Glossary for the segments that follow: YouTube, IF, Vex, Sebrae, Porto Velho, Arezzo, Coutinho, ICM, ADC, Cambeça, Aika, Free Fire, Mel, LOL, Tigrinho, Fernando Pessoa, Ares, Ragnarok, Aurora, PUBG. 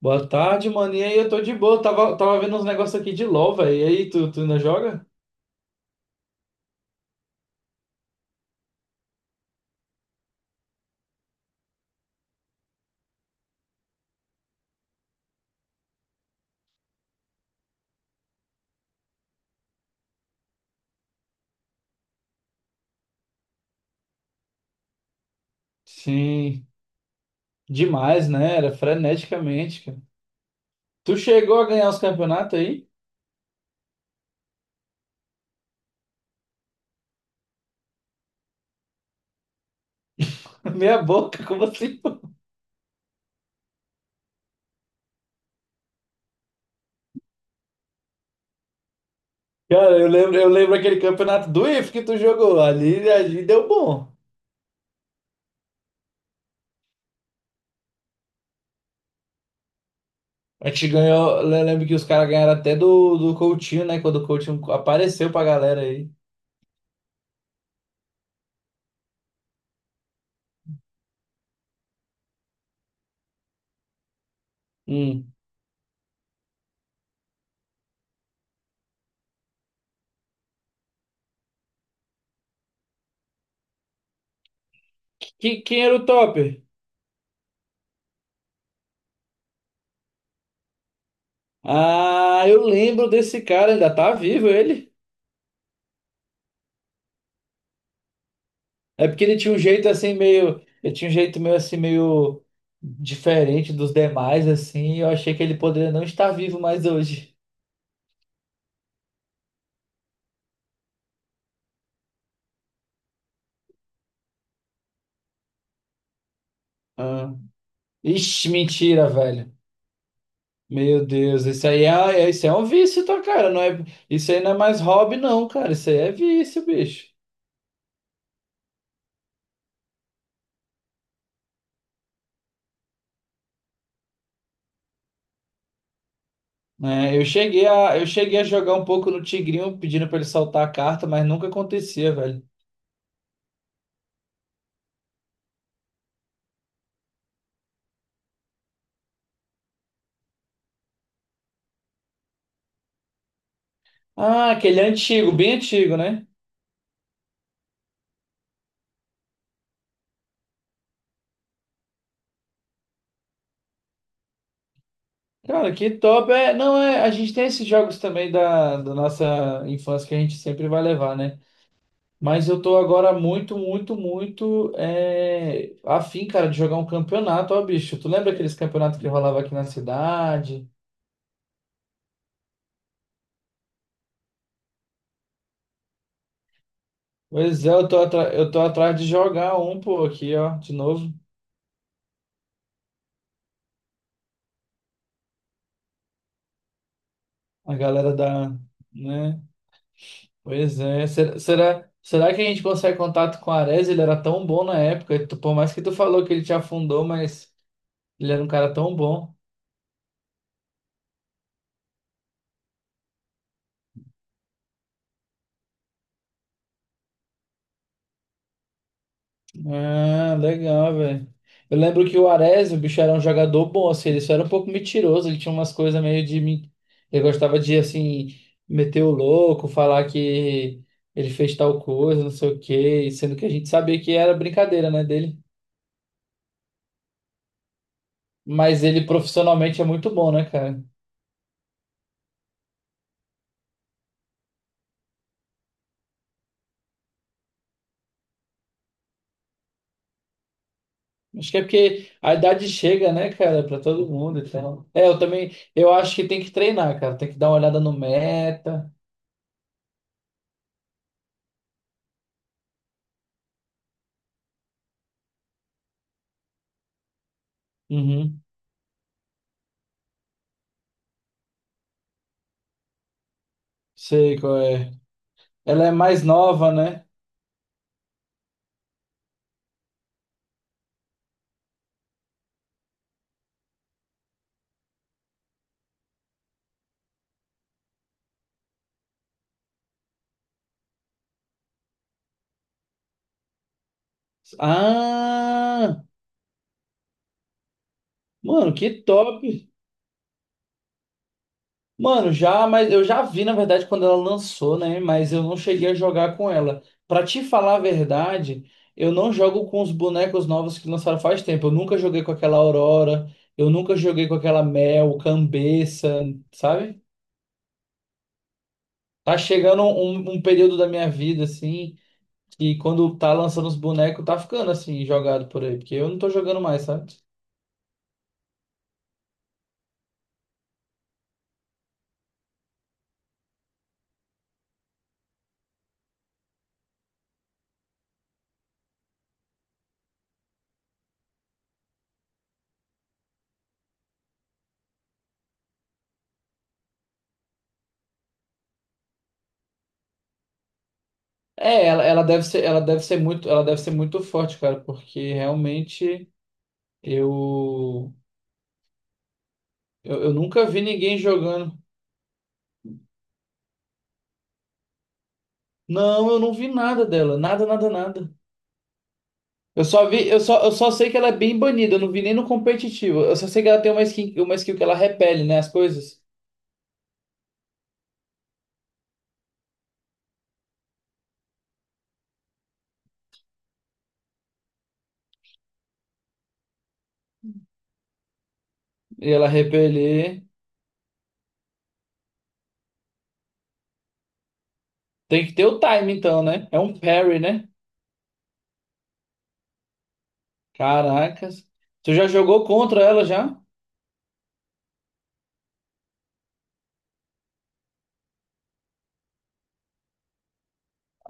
Boa tarde, mano. E aí, eu tô de boa. Tava vendo uns negócios aqui de LOL, velho. E aí, tu ainda joga? Sim, demais, né? Era freneticamente, cara. Tu chegou a ganhar os campeonatos aí? Meia boca, como assim? Cara, eu lembro, aquele campeonato do IF que tu jogou. Ali deu bom. A gente ganhou. Eu lembro que os caras ganharam até do Coutinho, né? Quando o Coutinho apareceu pra galera aí. Hum. Quem era o topper? Ah, eu lembro desse cara. Ainda tá vivo ele? É porque ele tinha um jeito meio assim meio diferente dos demais assim, e eu achei que ele poderia não estar vivo mais hoje. Ah. Ixi, mentira, velho. Meu Deus, isso aí isso é um vício, tá, cara? Não é, isso aí não é mais hobby não, cara. Isso aí é vício, bicho. Né? Eu cheguei a jogar um pouco no Tigrinho pedindo pra ele soltar a carta, mas nunca acontecia, velho. Ah, aquele antigo, bem antigo, né? Cara, que top. É, não, é, a gente tem esses jogos também da, nossa infância que a gente sempre vai levar, né? Mas eu tô agora muito, muito, muito afim, cara, de jogar um campeonato, ó, bicho. Tu lembra aqueles campeonatos que rolava aqui na cidade? Pois é, eu tô, atrás de jogar um, pô, aqui, ó, de novo. A galera da, né? Pois é. Será que a gente consegue contato com o Ares? Ele era tão bom na época. Por mais que tu falou que ele te afundou, mas ele era um cara tão bom. Ah, legal, velho. Eu lembro que o Arezzo, o bicho era um jogador bom, assim, ele só era um pouco mentiroso, ele tinha umas coisas meio de mim. Ele gostava de, assim, meter o louco, falar que ele fez tal coisa, não sei o quê, sendo que a gente sabia que era brincadeira, né, dele. Mas ele profissionalmente é muito bom, né, cara? Acho que é porque a idade chega, né, cara, pra todo mundo e tal. É, eu também, eu acho que tem que treinar, cara, tem que dar uma olhada no meta. Uhum, sei qual é. Ela é mais nova, né? Ah, mano, que top. Mano, já, mas eu já vi, na verdade, quando ela lançou, né? Mas eu não cheguei a jogar com ela. Pra te falar a verdade, eu não jogo com os bonecos novos que lançaram faz tempo. Eu nunca joguei com aquela Aurora, eu nunca joguei com aquela Mel, Cambeça, sabe? Tá chegando um período da minha vida, assim, que quando tá lançando os bonecos, tá ficando assim, jogado por aí, porque eu não tô jogando mais, sabe? É, ela deve ser, ela deve ser muito forte, cara, porque realmente eu, eu nunca vi ninguém jogando. Não, eu não vi nada dela, nada, nada, nada. Eu só vi, eu só sei que ela é bem banida, eu não vi nem no competitivo. Eu só sei que ela tem uma skin, uma skill que ela repele, né, as coisas. E ela repelir, tem que ter o time então, né? É um parry, né? Caracas. Tu já jogou contra ela já?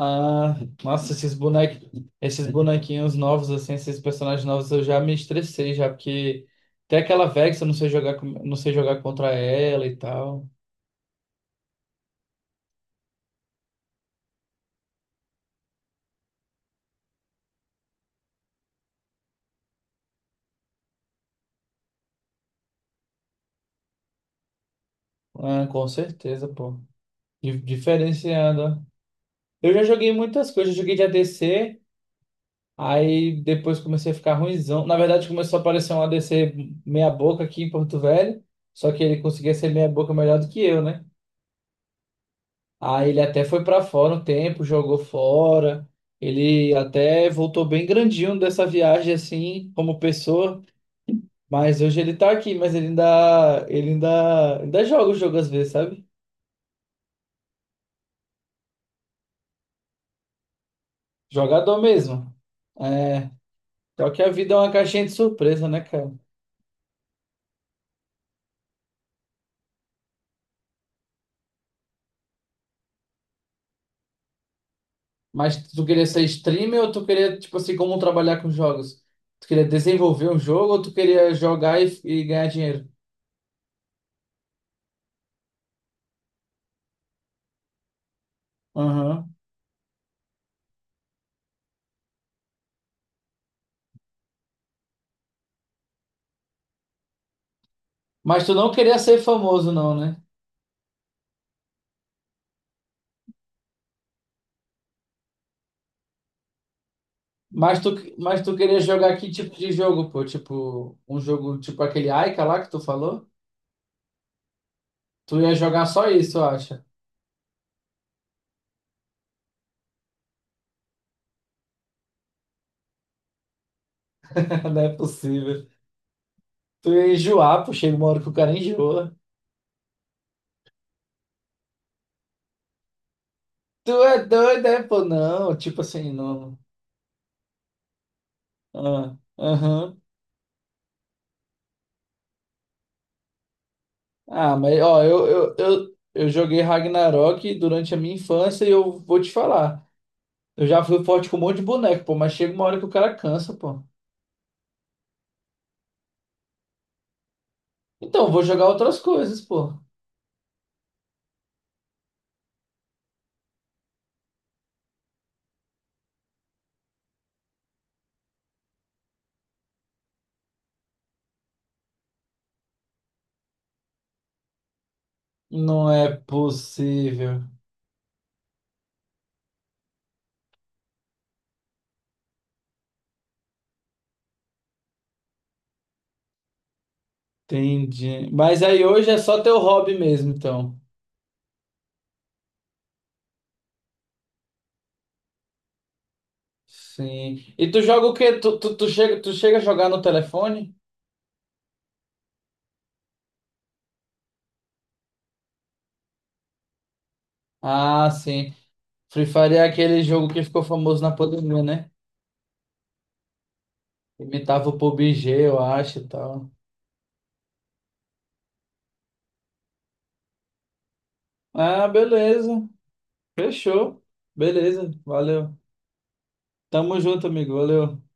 Ah, nossa, esses bonequinhos novos, assim, esses personagens novos, eu já me estressei já, porque tem aquela Vex, eu não sei jogar, não sei jogar contra ela e tal. Ah, com certeza, pô. Diferenciando, ó. Eu já joguei muitas coisas, eu joguei de ADC, aí depois comecei a ficar ruinzão. Na verdade, começou a aparecer um ADC meia boca aqui em Porto Velho, só que ele conseguia ser meia boca melhor do que eu, né? Aí ele até foi pra fora um tempo, jogou fora. Ele até voltou bem grandinho dessa viagem assim, como pessoa, mas hoje ele tá aqui, mas ele ainda joga o jogo às vezes, sabe? Jogador mesmo. É, só que a vida é uma caixinha de surpresa, né, cara? Mas tu queria ser streamer ou tu queria, tipo assim, como trabalhar com jogos? Tu queria desenvolver um jogo ou tu queria jogar e ganhar dinheiro? Aham. Mas tu não queria ser famoso, não, né? Mas tu, mas tu queria jogar que tipo de jogo, pô? Tipo, um jogo tipo aquele Aika lá que tu falou? Tu ia jogar só isso, eu acho. Não é possível. Tu ia enjoar, pô. Chega uma hora que o cara enjoa. Tu é doido, é, pô? Não, tipo assim, não. Ah, aham. Ah, mas ó, eu joguei Ragnarok durante a minha infância e eu vou te falar. Eu já fui forte com um monte de boneco, pô, mas chega uma hora que o cara cansa, pô. Então, eu vou jogar outras coisas, pô. Não é possível. Entendi. Mas aí hoje é só teu hobby mesmo, então. Sim. E tu joga o quê? Tu chega a jogar no telefone? Ah, sim. Free Fire é aquele jogo que ficou famoso na pandemia, né? Imitava o PUBG, eu acho e tal. Ah, beleza. Fechou. Beleza. Valeu. Tamo junto, amigo. Valeu.